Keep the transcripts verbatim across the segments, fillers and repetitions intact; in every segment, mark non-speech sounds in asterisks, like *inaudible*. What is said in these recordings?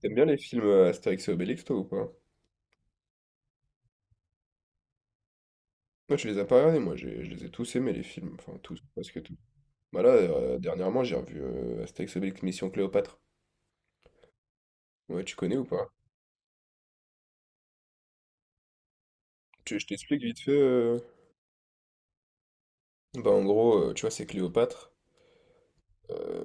T'aimes bien les films euh, Astérix et Obélix, toi, ou pas? Moi, je les ai pas regardés, moi, j'ai- je les ai tous aimés, les films, enfin, tous, presque tous. Bah là, euh, dernièrement, j'ai revu euh, Astérix et Obélix Mission Cléopâtre. Ouais, tu connais ou pas? Tu, je t'explique vite fait. euh, Bah, en gros, euh, tu vois, c'est Cléopâtre. Euh,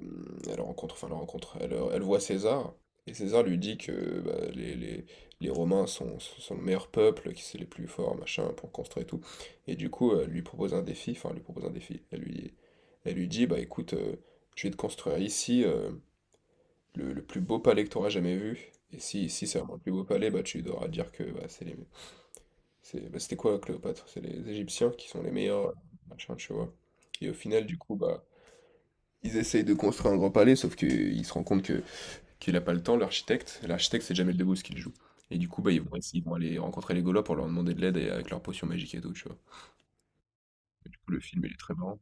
Elle rencontre, enfin, elle rencontre, elle, elle voit César, et César lui dit que bah, les, les- les Romains sont, sont le meilleur peuple, qui c'est les plus forts, machin, pour construire et tout. Et du coup, elle lui propose un défi, enfin, elle lui propose un défi. Elle lui, elle lui dit, bah écoute, euh, je vais te construire ici euh, le, le plus beau palais que tu auras jamais vu. Et si, si c'est vraiment le plus beau palais, bah tu devras dire que bah, c'est les. C'est- bah, c'était quoi Cléopâtre? C'est les Égyptiens qui sont les meilleurs, machin, tu vois. Et au final, du coup, bah. Ils essayent de construire un grand palais, sauf qu'ils se rendent compte que qu'il n'a pas le temps, l'architecte. L'architecte, c'est Jamel Debbouze qui le joue. Et du coup, bah, ils vont essayer, ils vont aller rencontrer les Gaulois pour leur demander de l'aide et avec leur potion magique et tout, tu vois. Et du coup, le film, il est très marrant.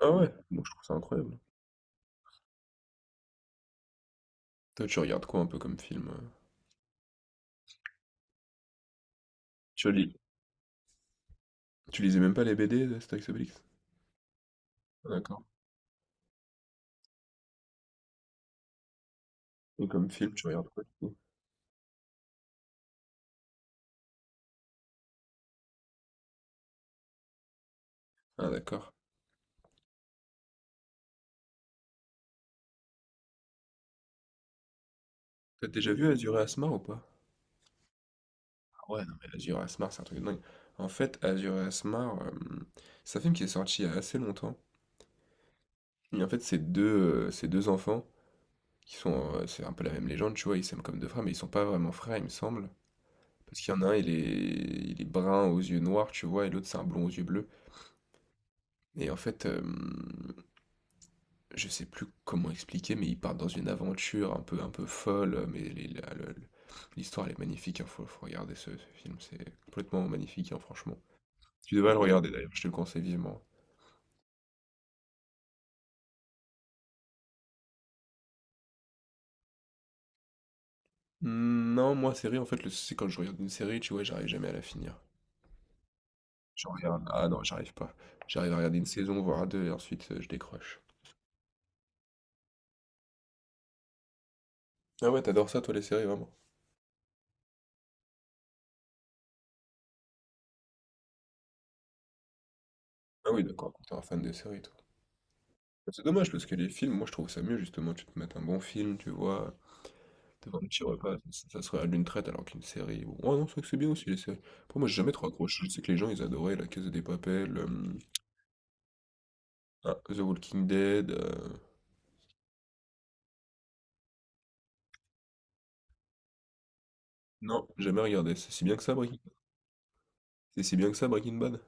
Ah ouais, moi je trouve ça incroyable. Toi, tu regardes quoi un peu comme film? euh Tu lis, tu lisais même pas les B D d'Astérix Obélix? Ah, d'accord. Et comme film, tu regardes quoi du coup? Ah d'accord. T'as déjà vu Azur et Asmar ou pas? Ah ouais, non mais Azur et Asmar, c'est un truc de dingue. En fait, Azur et Asmar, euh, c'est un film qui est sorti il y a assez longtemps. Et en fait, ces deux, heu, ces deux enfants qui sont, heu, c'est un peu la même légende, tu vois? Ils s'aiment comme deux frères, mais ils sont pas vraiment frères, il me semble. Parce qu'il y en a un, il est il est brun aux yeux noirs, tu vois? Et l'autre, c'est un blond aux yeux bleus. Et en fait, hem, je sais plus comment expliquer, mais ils partent dans une aventure un peu un peu folle, mais les la le le l'histoire, elle est magnifique, hein, faut faut regarder ce ce film, c'est complètement magnifique, hein, franchement. Tu devrais le regarder d'ailleurs, je te le conseille vivement. Mmh, non, moi, série, en fait, le souci, c'est quand je regarde une série, tu vois, j'arrive jamais à la finir. Je regarde ah non, j'arrive pas. J'arrive à regarder une saison, voire deux et ensuite, heu, je décroche. Ah ouais, t'adores ça toi, les séries, vraiment? Ah oui, d'accord, t'es un fan des séries, toi. Bah, c'est dommage parce que les films, moi je trouve ça mieux justement, tu te mates un bon film, tu vois, t'as un petit repas, ça ça se regarde d'une traite alors qu'une série, bon, ah non, c'est vrai que c'est bien aussi les séries. Pour moi j'ai jamais trop accroché, je sais que les gens ils adoraient La Casa des Papel, hem, ah, The Walking Dead, heu, non, jamais regardé, c'est si bien que ça Breaking Bad. C'est si bien que ça Breaking Bad?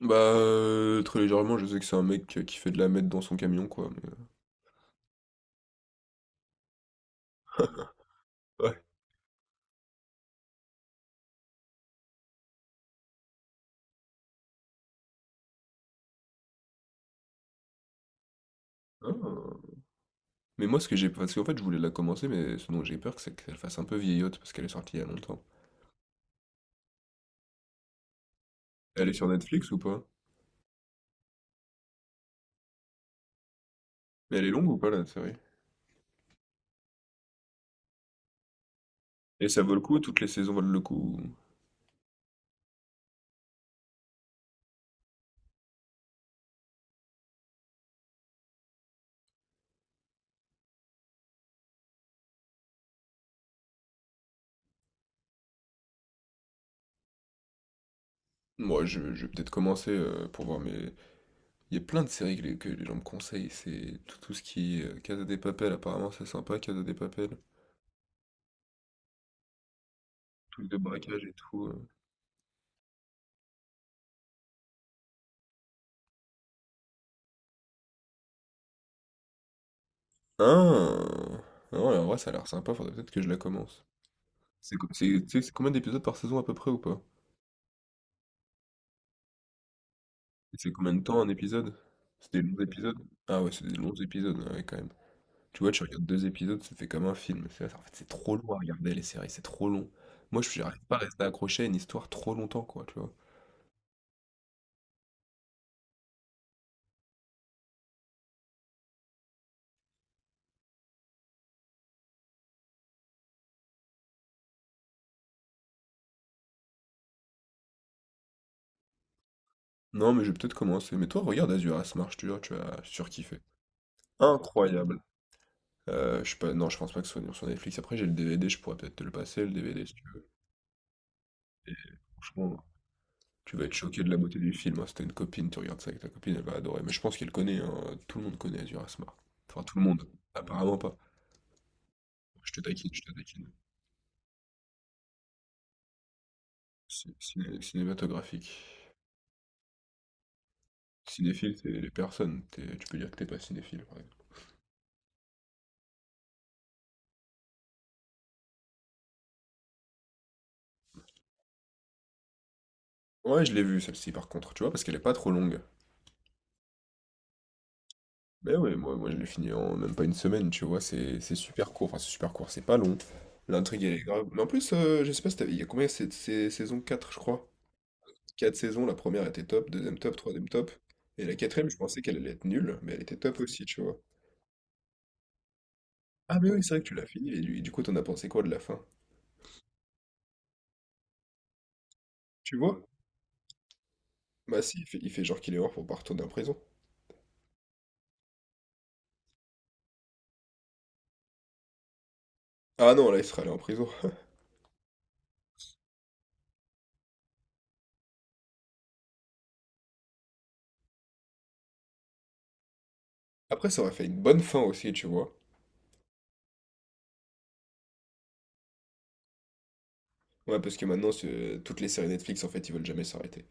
Bah, heu, très légèrement, je sais que c'est un mec, qui fait de la meth dans son camion quoi, mais heu ah. Mais moi, ce que j'ai. Parce qu'en fait, je voulais la commencer, mais ce dont j'ai peur, c'est qu'elle fasse un peu vieillotte, parce qu'elle est sortie il y a longtemps. Elle est sur Netflix ou pas? Mais elle est longue ou pas, la série? Et ça vaut le coup? Toutes les saisons valent le coup? Moi, je, je vais peut-être commencer euh, pour voir, mais il y a plein de séries que les, que les gens me conseillent. C'est tout, tout ce qui est euh, Casa de Papel, apparemment, c'est sympa, Casa de Papel. Truc de braquage et tout. euh. Ah! Non, en vrai, ça a l'air sympa, faudrait peut-être que je la commence. C'est co- c'est- tu sais, c'est combien d'épisodes par saison à peu près ou pas? C'est combien de temps un épisode? C'était douze épisodes? Ah ouais, c'est des longs épisodes, ouais, quand même. Tu vois, tu regardes deux épisodes, ça fait comme un film. C'est- En fait, c'est trop long à regarder les séries, c'est trop long. Moi, je n'arrive pas à rester accroché à une histoire trop longtemps, quoi, tu vois. Non, mais je vais peut-être commencer. Mais toi, regarde Azura's Marche, tu vois, tu as surkiffé. Incroyable. Euh, je sais pas, non, je pense pas que ce soit sur Netflix. Après, j'ai le D V D, je pourrais peut-être te le passer, le D V D, si tu veux. Et franchement, tu vas être choqué de la beauté du film. Hein. Si t'as une copine, tu regardes ça avec ta copine, elle va adorer. Mais je pense qu'elle connaît, hein. Tout le monde connaît Azur Asmar. Enfin, tout le monde. Apparemment pas. Je te taquine, je te taquine. Cin- ciné- cinématographique. Cinéphile, c'est les personnes. T'es- tu peux dire que t'es pas cinéphile, par exemple. Ouais, je l'ai vue, celle-ci, par contre, tu vois, parce qu'elle est pas trop longue. Mais ouais, moi, moi je l'ai fini en même pas une semaine, tu vois. C'est c'est super court. Enfin, c'est super court, c'est pas long. L'intrigue, elle est grave. Mais en plus, euh, je sais pas si t'avais- il y a combien? C'est c'est saison quatre, je crois. Quatre saisons, la première était top, deuxième top, troisième top. Et la quatrième, je pensais qu'elle allait être nulle, mais elle était top aussi, tu vois. Ah mais oui, c'est vrai que tu l'as fini, et du, et du coup, t'en as pensé quoi de la fin? Tu vois? Bah si, il fait, il fait genre qu'il est mort pour pas retourner en prison. Ah non, là, il serait allé en prison. *laughs* Après, ça aurait fait une bonne fin aussi, tu vois. Ouais, parce que maintenant, c'est- toutes les séries Netflix, en fait, ils veulent jamais s'arrêter.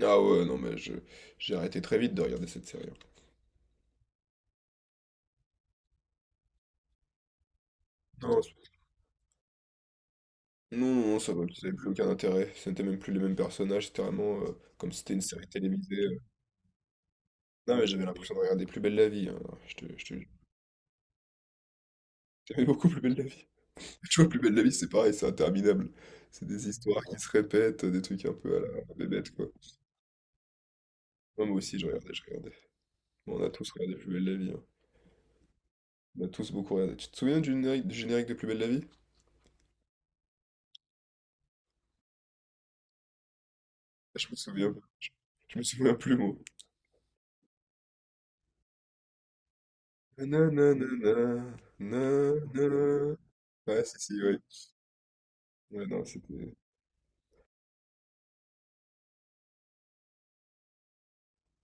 Ah ouais, non, mais je, j'ai arrêté très vite de regarder cette série. Hein. Non, c'est- non, non, ça n'avait plus aucun intérêt. C'était même plus les mêmes personnages, c'était vraiment euh, comme si c'était une série télévisée. Non, mais j'avais l'impression de regarder Plus belle la vie. Hein. Je te, je te, J'aimais beaucoup Plus belle la vie. *laughs* Tu vois, Plus belle la vie, c'est pareil, c'est interminable. C'est des histoires qui se répètent, des trucs un peu à la bébête, quoi. Non, moi aussi, je regardais, je regardais. Bon, on a tous regardé Plus belle la vie. Hein. On a tous beaucoup regardé. Tu te souviens du générique, du générique de Plus belle la vie? Ah, je me souviens. Je me souviens plus, moi. Nananana, nanana. Ouais, si, si, oui. Ouais, non, c'était...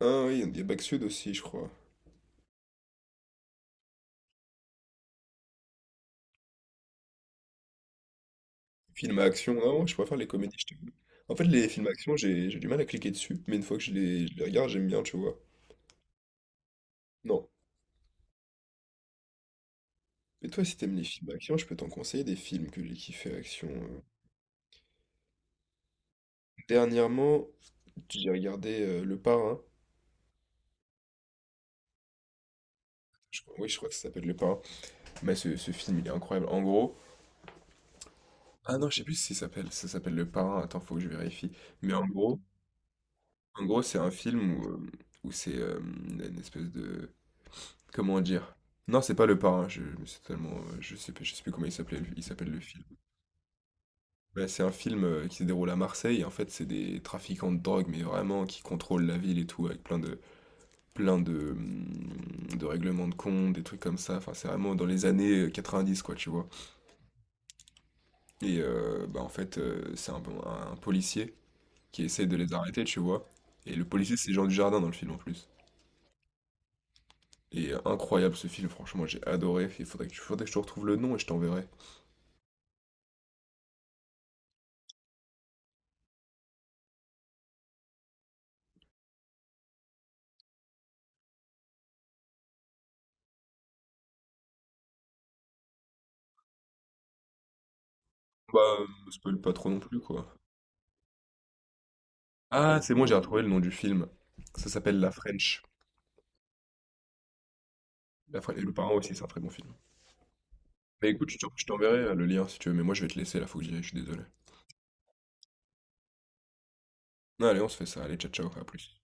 Ah oui, il y a Back Sud aussi, je crois. Film à action, non, moi je préfère les comédies. Je t'avoue. En fait, les films à action, j'ai j'ai du mal à cliquer dessus, mais une fois que je les, je les regarde, j'aime bien, tu vois. Non. Et toi, si t'aimes les films à action, je peux t'en conseiller des films que j'ai kiffé action. euh. Dernièrement, j'ai regardé euh, Le Parrain. Je crois- oui, je crois que ça s'appelle Le Parrain. Mais ce, ce film, il est incroyable. En gros. Ah non, je sais plus si ça s'appelle. Ça s'appelle Le Parrain. Attends, faut que je vérifie. Mais en gros, En gros, c'est un film où, euh, où c'est euh, une espèce de. Comment dire? Non, c'est pas Le Parrain, je mais c'est tellement, je sais plus je sais plus comment il s'appelait il s'appelle le film. Bah, c'est un film, heu, qui se déroule à Marseille et en fait, c'est des trafiquants de drogue, mais vraiment qui contrôlent la ville et tout avec plein de plein de, mmh, de règlements de compte, des trucs comme ça. Enfin, c'est vraiment dans les années, euh, quatre-vingt-dix, quoi, tu vois? Et heu, bah, en fait, heu, c'est un bon un policier qui essaie de les arrêter, tu vois? Et le policier, c'est Jean Dujardin dans le film en plus. Et euh, incroyable ce film, franchement, j'ai adoré. Il faudrait que tu faudrait que je te retrouve le nom et je t'enverrai. Bah, euh, spoil pas trop non plus, quoi. Ah, c'est moi, j'ai retrouvé le nom du film. Ça s'appelle La French. La French. Et le parrain aussi, c'est un très bon film. Mais écoute, je t'en- je t'enverrai euh, le lien si tu veux, mais moi je vais te laisser là, faut que j'y aille, je suis désolé. Allez, on se fait ça, allez, ciao ciao, à plus.